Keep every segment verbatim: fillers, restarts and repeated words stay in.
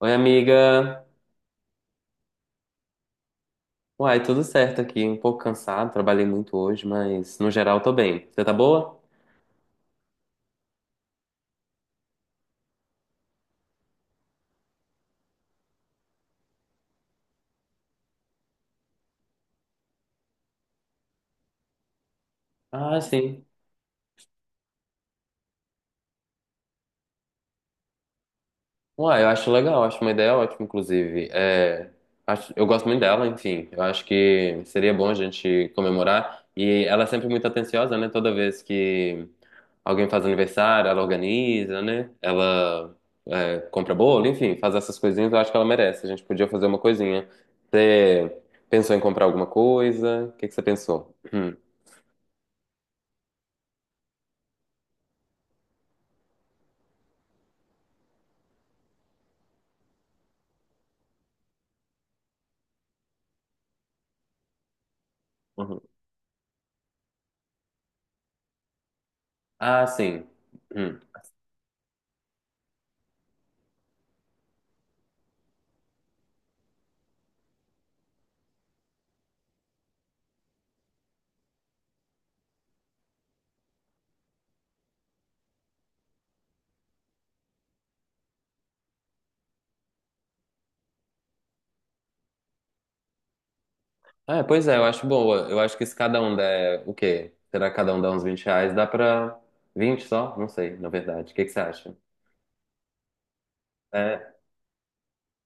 Oi, amiga. Uai, tudo certo aqui. Um pouco cansado, trabalhei muito hoje, mas no geral tô bem. Você tá boa? Ah, sim. Uai, eu acho legal, acho uma ideia ótima, inclusive. É, acho- eu gosto muito dela, enfim. Eu acho que seria bom a gente comemorar. E ela é sempre muito atenciosa, né? Toda vez que alguém faz aniversário, ela organiza, né? Ela é, compra bolo, enfim, faz essas coisinhas. Eu acho que ela merece. A gente podia fazer uma coisinha. Você pensou em comprar alguma coisa? O que que você pensou? Hum, uhum. Ah, sim. Hum. É, pois é, eu acho boa. Eu acho que se cada um der o quê? Será que cada um dá uns vinte reais? Dá pra vinte só? Não sei, na verdade. O que que você acha? É,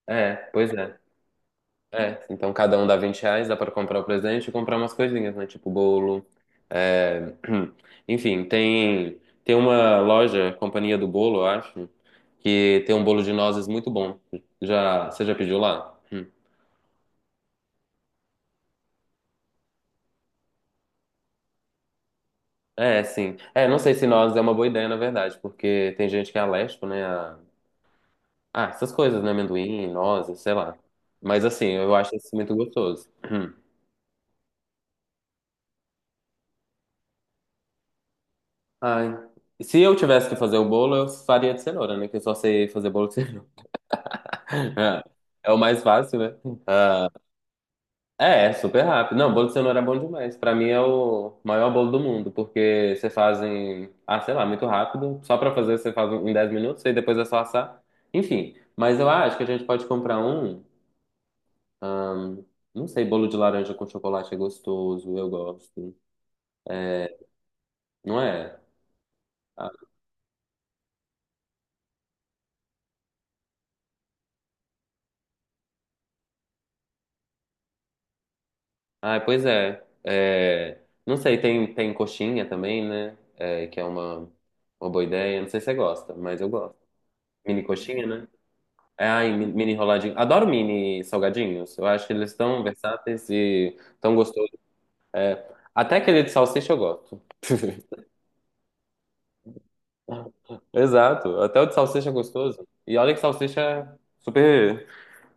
é, pois é. É, então cada um dá vinte reais, dá pra comprar o presente e comprar umas coisinhas, né? Tipo bolo. é, Enfim, tem, tem uma loja, Companhia do Bolo, eu acho, que tem um bolo de nozes muito bom. Já, você já pediu lá? Hum. É, sim. É, não sei se nozes é uma boa ideia, na verdade, porque tem gente que é alérgico, né, a- ah, essas coisas, né? Amendoim, nozes, sei lá. Mas assim, eu acho isso muito gostoso. Hum. Ai. Se eu tivesse que fazer o bolo, eu faria de cenoura, né? Que eu só sei fazer bolo de cenoura. É o mais fácil, né? Ah, é, é super rápido. Não, bolo de cenoura é bom demais. Pra mim é o maior bolo do mundo, porque você faz em, ah, sei lá, muito rápido. Só pra fazer você faz em dez minutos e depois é só assar. Enfim, mas eu acho que a gente pode comprar um, hum, não sei, bolo de laranja com chocolate é gostoso, eu gosto. Não é? Ah, ah, pois é. É, não sei, tem, tem coxinha também, né? É, que é uma, uma boa ideia. Não sei se você gosta, mas eu gosto. Mini coxinha, né? É, ai, mi- mini enroladinho. Adoro mini salgadinhos. Eu acho que eles estão versáteis e tão gostosos. Até aquele de salsicha eu gosto. Exato. Até o de salsicha é gostoso. E olha que salsicha é super,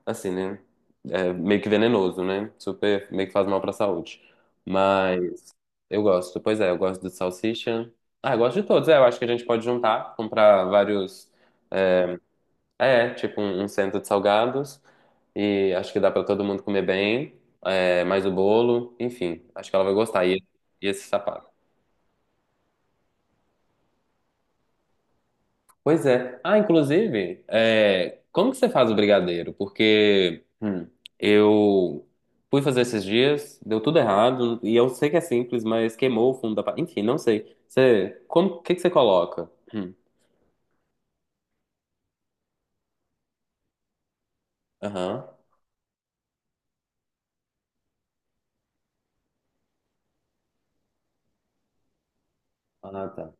assim, né? É meio que venenoso, né? Super, meio que faz mal pra saúde. Mas. Eu gosto, pois é, eu gosto do salsicha. Ah, eu gosto de todos. É, eu acho que a gente pode juntar, comprar vários. É, tipo um, um cento de salgados. E acho que dá pra todo mundo comer bem. É, mais o bolo, enfim, acho que ela vai gostar. E, e esse sapato. Pois é. Ah, inclusive, é, como que você faz o brigadeiro? Porque hum, eu fui fazer esses dias, deu tudo errado. E eu sei que é simples, mas queimou o fundo da. pa- Enfim, não sei. Você, como, o que que você coloca? Hum, Aham. Ah, tá.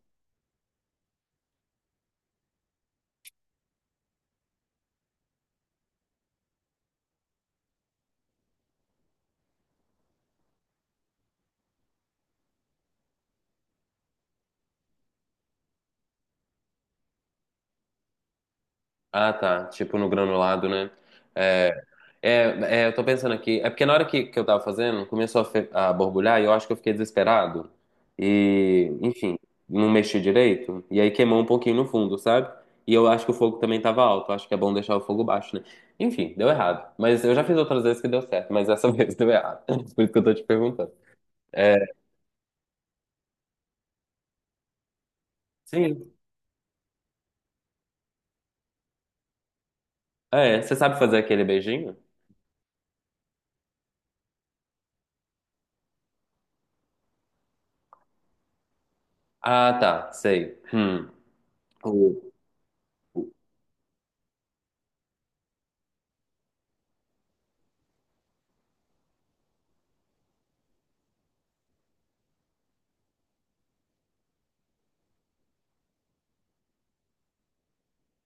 Ah, tá. Tipo no granulado, né? É, é, é, eu tô pensando aqui. É porque na hora que, que eu tava fazendo, começou a, fe- a borbulhar e eu acho que eu fiquei desesperado. E, enfim, não mexi direito. E aí queimou um pouquinho no fundo, sabe? E eu acho que o fogo também tava alto. Eu acho que é bom deixar o fogo baixo, né? Enfim, deu errado. Mas eu já fiz outras vezes que deu certo, mas essa vez deu errado. Por isso que eu tô te perguntando. É, sim. É, você sabe fazer aquele beijinho? Ah, tá. Sei. Hum.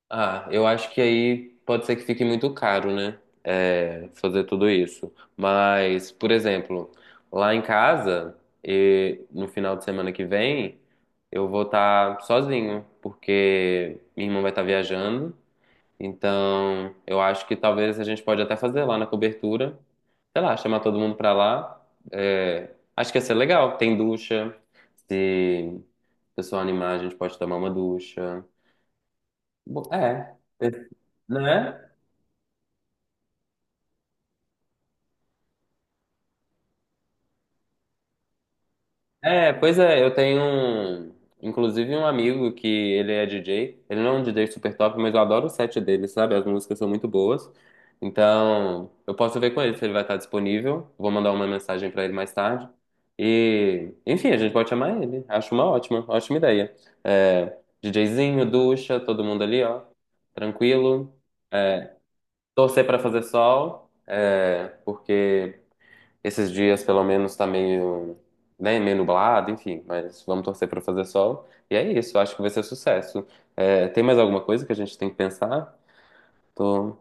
Ah, eu acho que aí pode ser que fique muito caro, né? É, fazer tudo isso. Mas, por exemplo, lá em casa, e no final de semana que vem, eu vou estar sozinho, porque minha irmã vai estar viajando. Então, eu acho que talvez a gente pode até fazer lá na cobertura. Sei lá, chamar todo mundo pra lá. É, acho que ia ser legal. Tem ducha. Se o pessoal animar, a gente pode tomar uma ducha. Bo- É. Né? É, É, pois é, eu tenho um, inclusive um amigo que ele é D J. Ele não é um D J super top, mas eu adoro o set dele, sabe? As músicas são muito boas. Então, eu posso ver com ele se ele vai estar disponível. Vou mandar uma mensagem pra ele mais tarde. E, enfim, a gente pode chamar ele. Acho uma ótima, ótima ideia. É, DJzinho, ducha, todo mundo ali, ó. Tranquilo. É, torcer pra fazer sol, é, porque esses dias, pelo menos, tá meio, né, meio nublado, enfim, mas vamos torcer pra fazer sol. E é isso, acho que vai ser sucesso. É, tem mais alguma coisa que a gente tem que pensar? Tô.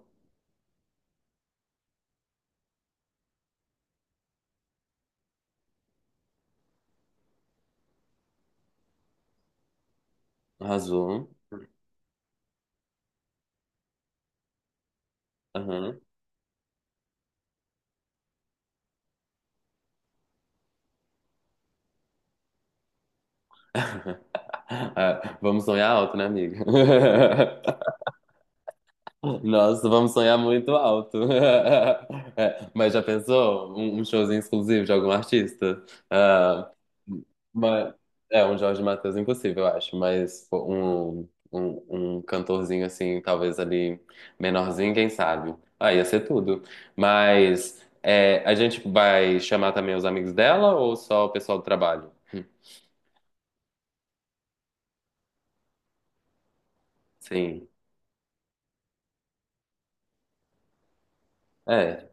Arrasou. Aham. Ah, vamos sonhar alto, né, amiga? Nossa, vamos sonhar muito alto. É, mas já pensou? Um, um, showzinho exclusivo de algum artista? Ah, mas, é, um Jorge Mateus impossível, eu acho. Mas pô, um, um, um cantorzinho assim, talvez ali menorzinho, quem sabe? Ah, ia ser tudo. Mas é, a gente vai chamar também os amigos dela ou só o pessoal do trabalho? Sim. É,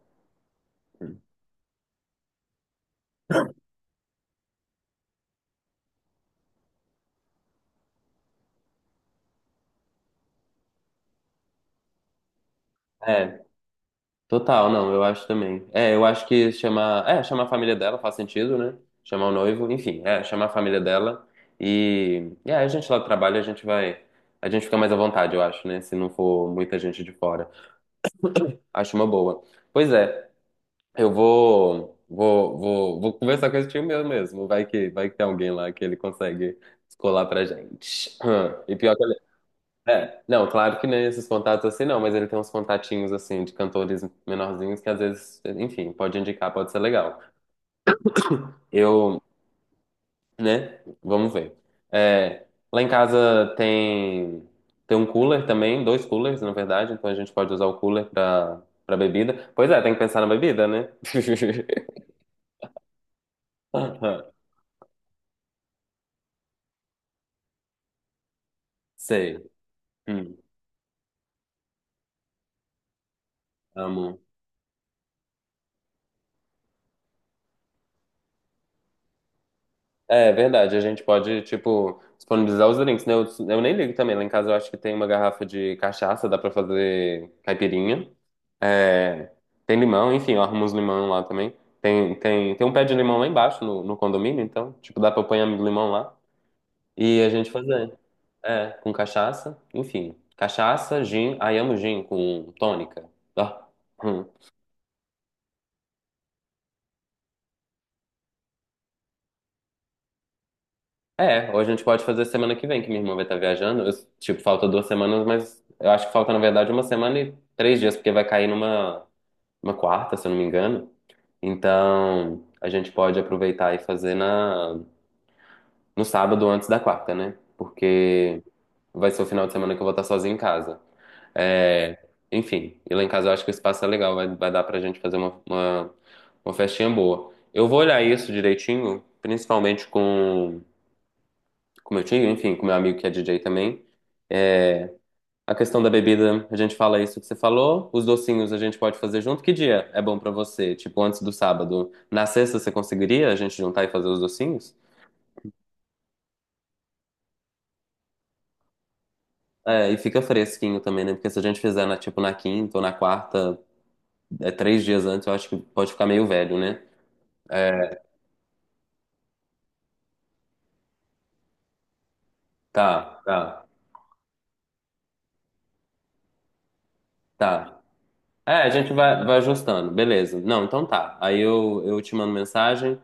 é. Total, não, eu acho também. É, eu acho que chamar, é, chamar a família dela faz sentido, né? Chamar o noivo, enfim, é, chamar a família dela e, e aí a gente lá do trabalho, a gente vai, a gente fica mais à vontade, eu acho, né? Se não for muita gente de fora. Acho uma boa. Pois é, eu vou, vou, vou, vou conversar com esse tio meu mesmo, vai que, vai que tem alguém lá que ele consegue descolar pra gente. E pior que é, não, claro que nem esses contatos assim não, mas ele tem uns contatinhos assim de cantores menorzinhos que às vezes, enfim, pode indicar, pode ser legal. Eu, né? Vamos ver. É, lá em casa tem tem um cooler também, dois coolers na verdade, então a gente pode usar o cooler pra para bebida. Pois é, tem que pensar na bebida, né? Sei. Hum, amo. É verdade, a gente pode, tipo, disponibilizar os drinks, né? Eu, eu nem ligo também. Lá em casa eu acho que tem uma garrafa de cachaça, dá pra fazer caipirinha. É, tem limão, enfim, eu arrumo uns limão lá também. Tem, tem, tem um pé de limão lá embaixo no, no condomínio, então, tipo, dá pra apanhar limão lá e a gente fazer. É, com cachaça, enfim. Cachaça, gin, ai amo gin com tônica. Ah. Hum. É, ou a gente pode fazer semana que vem, que minha irmã vai estar viajando. Eu, tipo, falta duas semanas, mas eu acho que falta, na verdade, uma semana e três dias, porque vai cair numa uma quarta, se eu não me engano. Então, a gente pode aproveitar e fazer na, no sábado antes da quarta, né? Porque vai ser o final de semana que eu vou estar sozinho em casa. É, enfim, e lá em casa eu acho que o espaço é legal, vai, vai dar pra gente fazer uma, uma, uma festinha boa. Eu vou olhar isso direitinho, principalmente com com meu tio, enfim, com meu amigo que é D J também. A questão da bebida, a gente fala isso que você falou. Os docinhos a gente pode fazer junto. Que dia é bom pra você? Tipo, antes do sábado. Na sexta você conseguiria a gente juntar e fazer os docinhos? É, e fica fresquinho também, né? Porque se a gente fizer na, tipo, na quinta ou na quarta, é, três dias antes, eu acho que pode ficar meio velho, né? É, tá, tá, tá. É, a gente vai, vai ajustando, beleza. Não, então tá. Aí eu, eu te mando mensagem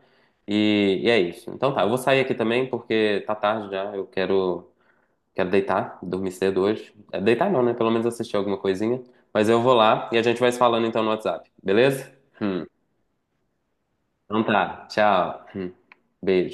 e, e é isso. Então tá, eu vou sair aqui também porque tá tarde já. Eu quero, quero deitar, dormir cedo hoje. É, deitar não, né? Pelo menos assistir alguma coisinha. Mas eu vou lá e a gente vai se falando então no WhatsApp, beleza? Hum. Então tá, tchau. Hum. Beijo.